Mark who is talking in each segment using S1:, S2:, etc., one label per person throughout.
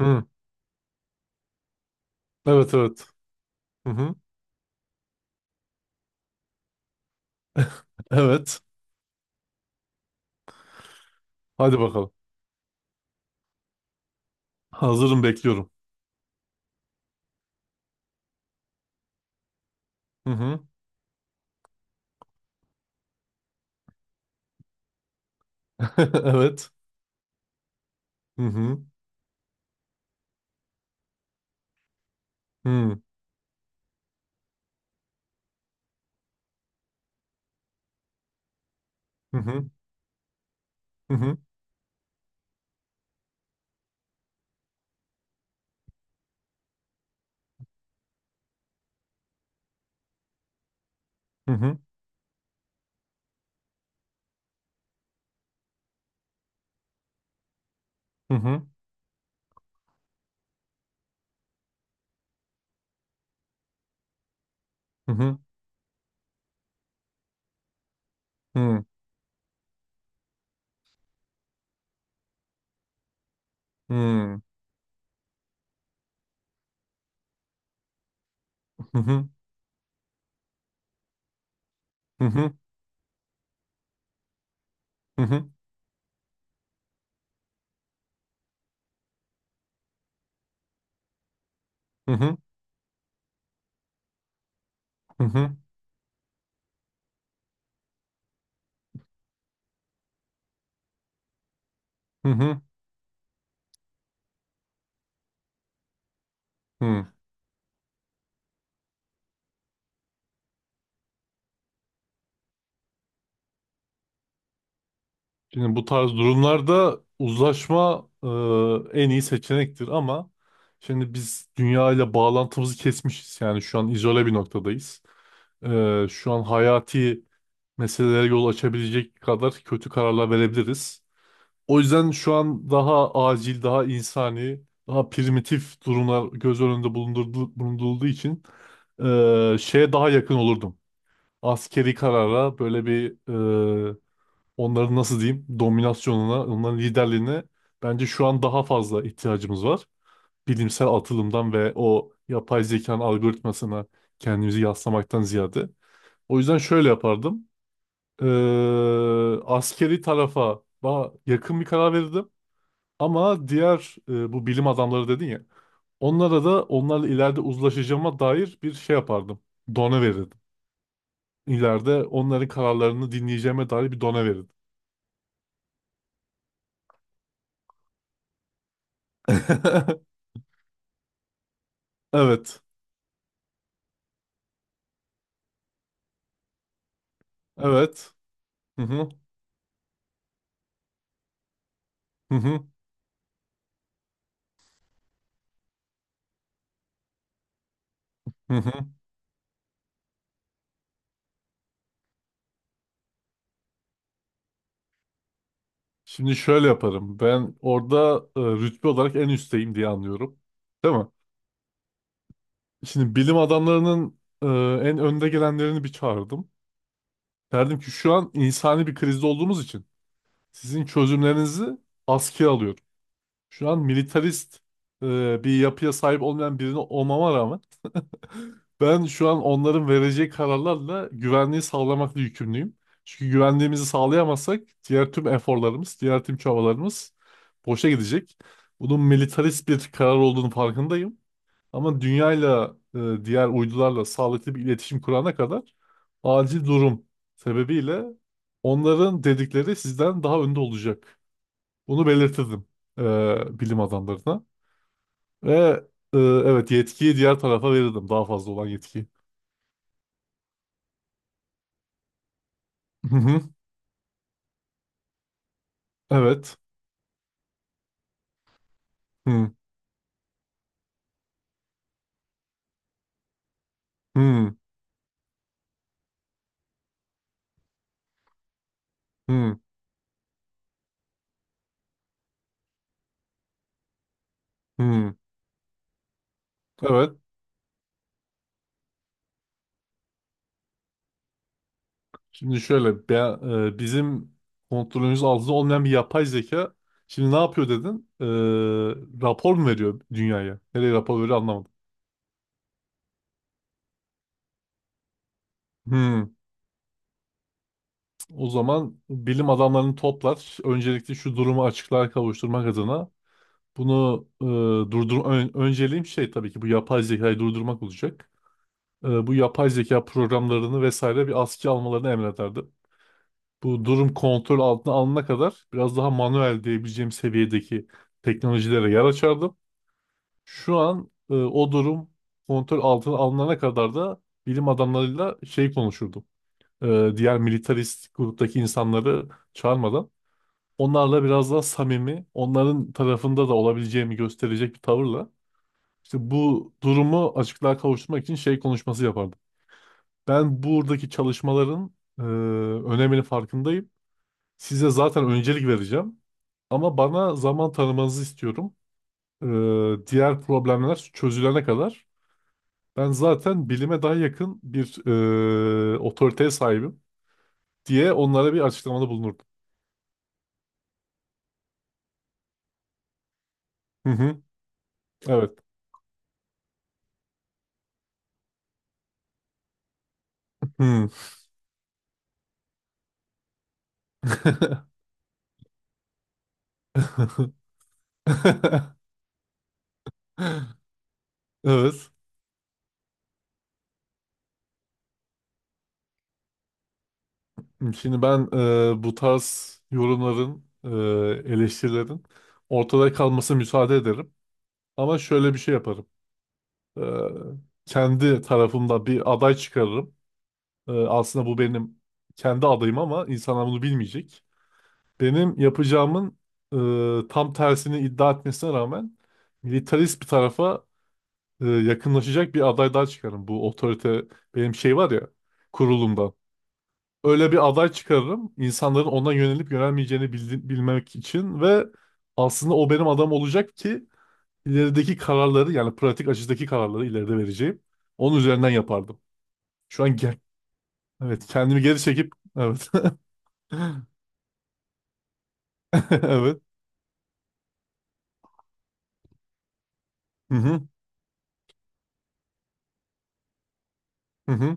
S1: Hı. Evet, evet. Hı hı. Evet. Hadi bakalım. Hazırım, bekliyorum. Hı hı. Evet. Hı hı. Hı hı. Hı hı. Hı hı. Hı hı. Hı hı. Hı hı. Hı hı. Hı hı. Hı hı. Hı hı. Hı hı. Hı hı. Hı hı. Şimdi bu tarz durumlarda uzlaşma en iyi seçenektir ama şimdi biz dünya ile bağlantımızı kesmişiz. Yani şu an izole bir noktadayız. Şu an hayati meselelere yol açabilecek kadar kötü kararlar verebiliriz. O yüzden şu an daha acil, daha insani, daha primitif durumlar göz önünde bulundurulduğu için şeye daha yakın olurdum. Askeri karara böyle bir e, onların nasıl diyeyim dominasyonuna, onların liderliğine bence şu an daha fazla ihtiyacımız var. Bilimsel atılımdan ve o yapay zekanın algoritmasına kendimizi yaslamaktan ziyade. O yüzden şöyle yapardım. Ee, Askeri tarafa daha yakın bir karar verirdim. Ama diğer bu bilim adamları dedin ya. Onlara da onlarla ileride uzlaşacağıma dair bir şey yapardım. Done verirdim. İleride onların kararlarını dinleyeceğime dair bir done verirdim. Evet. Evet. Hı hı. Hı hı. Hı hı. Şimdi şöyle yaparım. Ben orada rütbe olarak en üstteyim diye anlıyorum. Değil mi? Şimdi bilim adamlarının en önde gelenlerini bir çağırdım. Derdim ki şu an insani bir krizde olduğumuz için sizin çözümlerinizi askıya alıyorum. Şu an militarist bir yapıya sahip olmayan birini olmama rağmen ben şu an onların vereceği kararlarla güvenliği sağlamakla yükümlüyüm. Çünkü güvenliğimizi sağlayamazsak diğer tüm eforlarımız, diğer tüm çabalarımız boşa gidecek. Bunun militarist bir karar olduğunu farkındayım. Ama dünyayla, diğer uydularla sağlıklı bir iletişim kurana kadar acil durum sebebiyle onların dedikleri sizden daha önde olacak. Bunu belirtirdim bilim adamlarına. Ve evet, yetkiyi diğer tarafa verirdim, daha fazla olan yetkiyi. Evet. Hı, hı, hı, hı. Evet. Şimdi şöyle bizim kontrolümüz altında olmayan bir yapay zeka şimdi ne yapıyor dedin? Rapor mu veriyor dünyaya? Nereye rapor veriyor anlamadım. Hı. O zaman bilim adamlarını toplar. Öncelikle şu durumu açıklığa kavuşturmak adına bunu önceliğim şey tabii ki bu yapay zekayı durdurmak olacak. Bu yapay zeka programlarını vesaire bir askıya almalarını emrederdi. Bu durum kontrol altına alınana kadar biraz daha manuel diyebileceğim seviyedeki teknolojilere yer açardım. Şu an o durum kontrol altına alınana kadar da bilim adamlarıyla şey konuşurdum. E, Diğer militarist gruptaki insanları çağırmadan onlarla biraz daha samimi, onların tarafında da olabileceğimi gösterecek bir tavırla işte bu durumu açıklığa kavuşturmak için şey konuşması yapardım. Ben buradaki çalışmaların e, öneminin farkındayım. Size zaten öncelik vereceğim. Ama bana zaman tanımanızı istiyorum. Diğer problemler çözülene kadar ben zaten bilime daha yakın bir otoriteye sahibim diye onlara bir açıklamada bulunurdum. Hı hı, evet. Hı. Evet. Şimdi ben bu tarz yorumların, eleştirilerin ortada kalmasına müsaade ederim. Ama şöyle bir şey yaparım. E, Kendi tarafımda bir aday çıkarırım. Aslında bu benim kendi adayım ama insanlar bunu bilmeyecek. Benim yapacağımın tam tersini iddia etmesine rağmen militarist bir tarafa yakınlaşacak bir aday daha çıkarım. Bu otorite benim şey var ya kurulumdan. Öyle bir aday çıkarırım, insanların ona yönelip yönelmeyeceğini bilmek için ve aslında o benim adam olacak ki ilerideki kararları, yani pratik açıdaki kararları ileride vereceğim. Onun üzerinden yapardım. Şu an gel. Evet, kendimi geri çekip evet. Evet. Hı hı. Hı hı.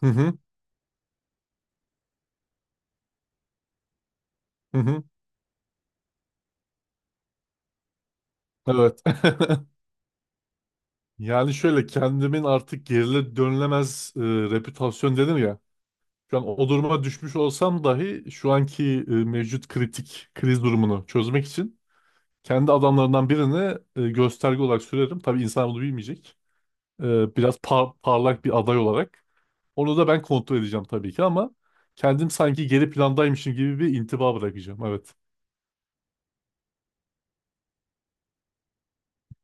S1: Hı hı. Hı hı. Evet. Yani şöyle kendimin artık geriye dönülemez reputasyon dedim ya. Şu an o duruma düşmüş olsam dahi şu anki mevcut kritik kriz durumunu çözmek için kendi adamlarından birine gösterge olarak sürerim. Tabii insan bunu bilmeyecek. Biraz parlak bir aday olarak. Onu da ben kontrol edeceğim tabii ki ama kendim sanki geri plandaymışım gibi bir intiba bırakacağım. Evet.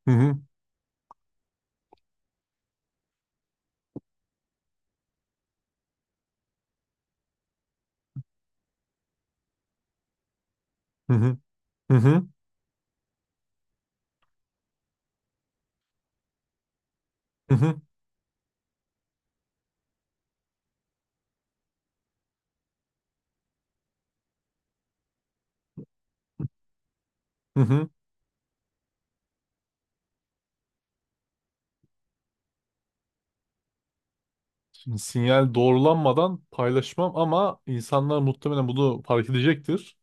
S1: Hı hı. Hı hı. Hı hı. Hı hı. Hı hı. Sinyal doğrulanmadan paylaşmam ama insanlar muhtemelen bunu fark edecektir.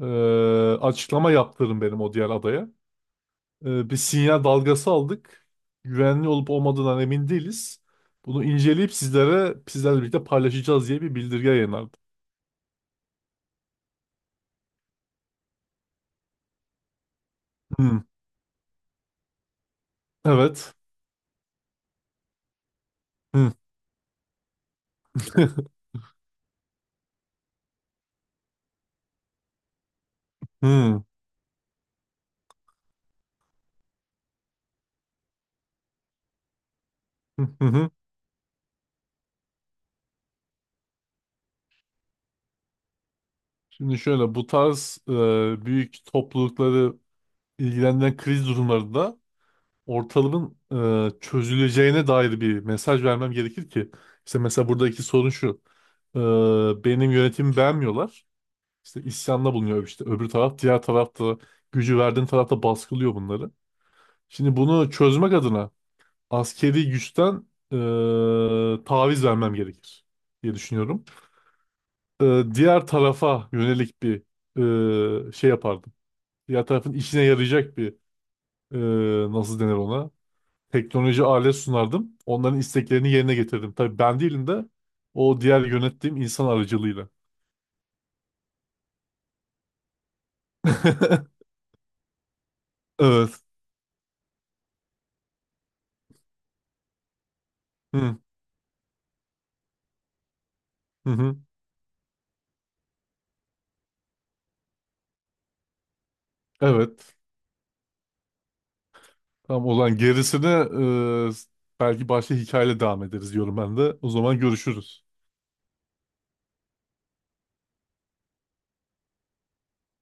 S1: Ee, Açıklama yaptırın benim o diğer adaya. Bir sinyal dalgası aldık. Güvenli olup olmadığından emin değiliz. Bunu inceleyip sizlere sizlerle birlikte paylaşacağız diye bir bildirge yayınlardı. Hmm, evet. Hmm, hmm, hı hı hı. Şimdi şöyle bu tarz büyük toplulukları ilgilendiren kriz durumlarında ortalığın çözüleceğine dair bir mesaj vermem gerekir ki. İşte mesela buradaki sorun şu. E, Benim yönetimi beğenmiyorlar. İşte isyanda bulunuyor işte öbür taraf. Diğer tarafta gücü verdiğin tarafta baskılıyor bunları. Şimdi bunu çözmek adına askeri güçten taviz vermem gerekir diye düşünüyorum. Diğer tarafa yönelik bir şey yapardım. Diğer tarafın işine yarayacak bir nasıl denir ona? Teknoloji alet sunardım. Onların isteklerini yerine getirdim. Tabii ben değilim de o diğer yönettiğim insan aracılığıyla. Evet. Hı, hı, hı. Evet. Tamam, o zaman gerisini e, belki başka hikayeyle devam ederiz diyorum ben de. O zaman görüşürüz.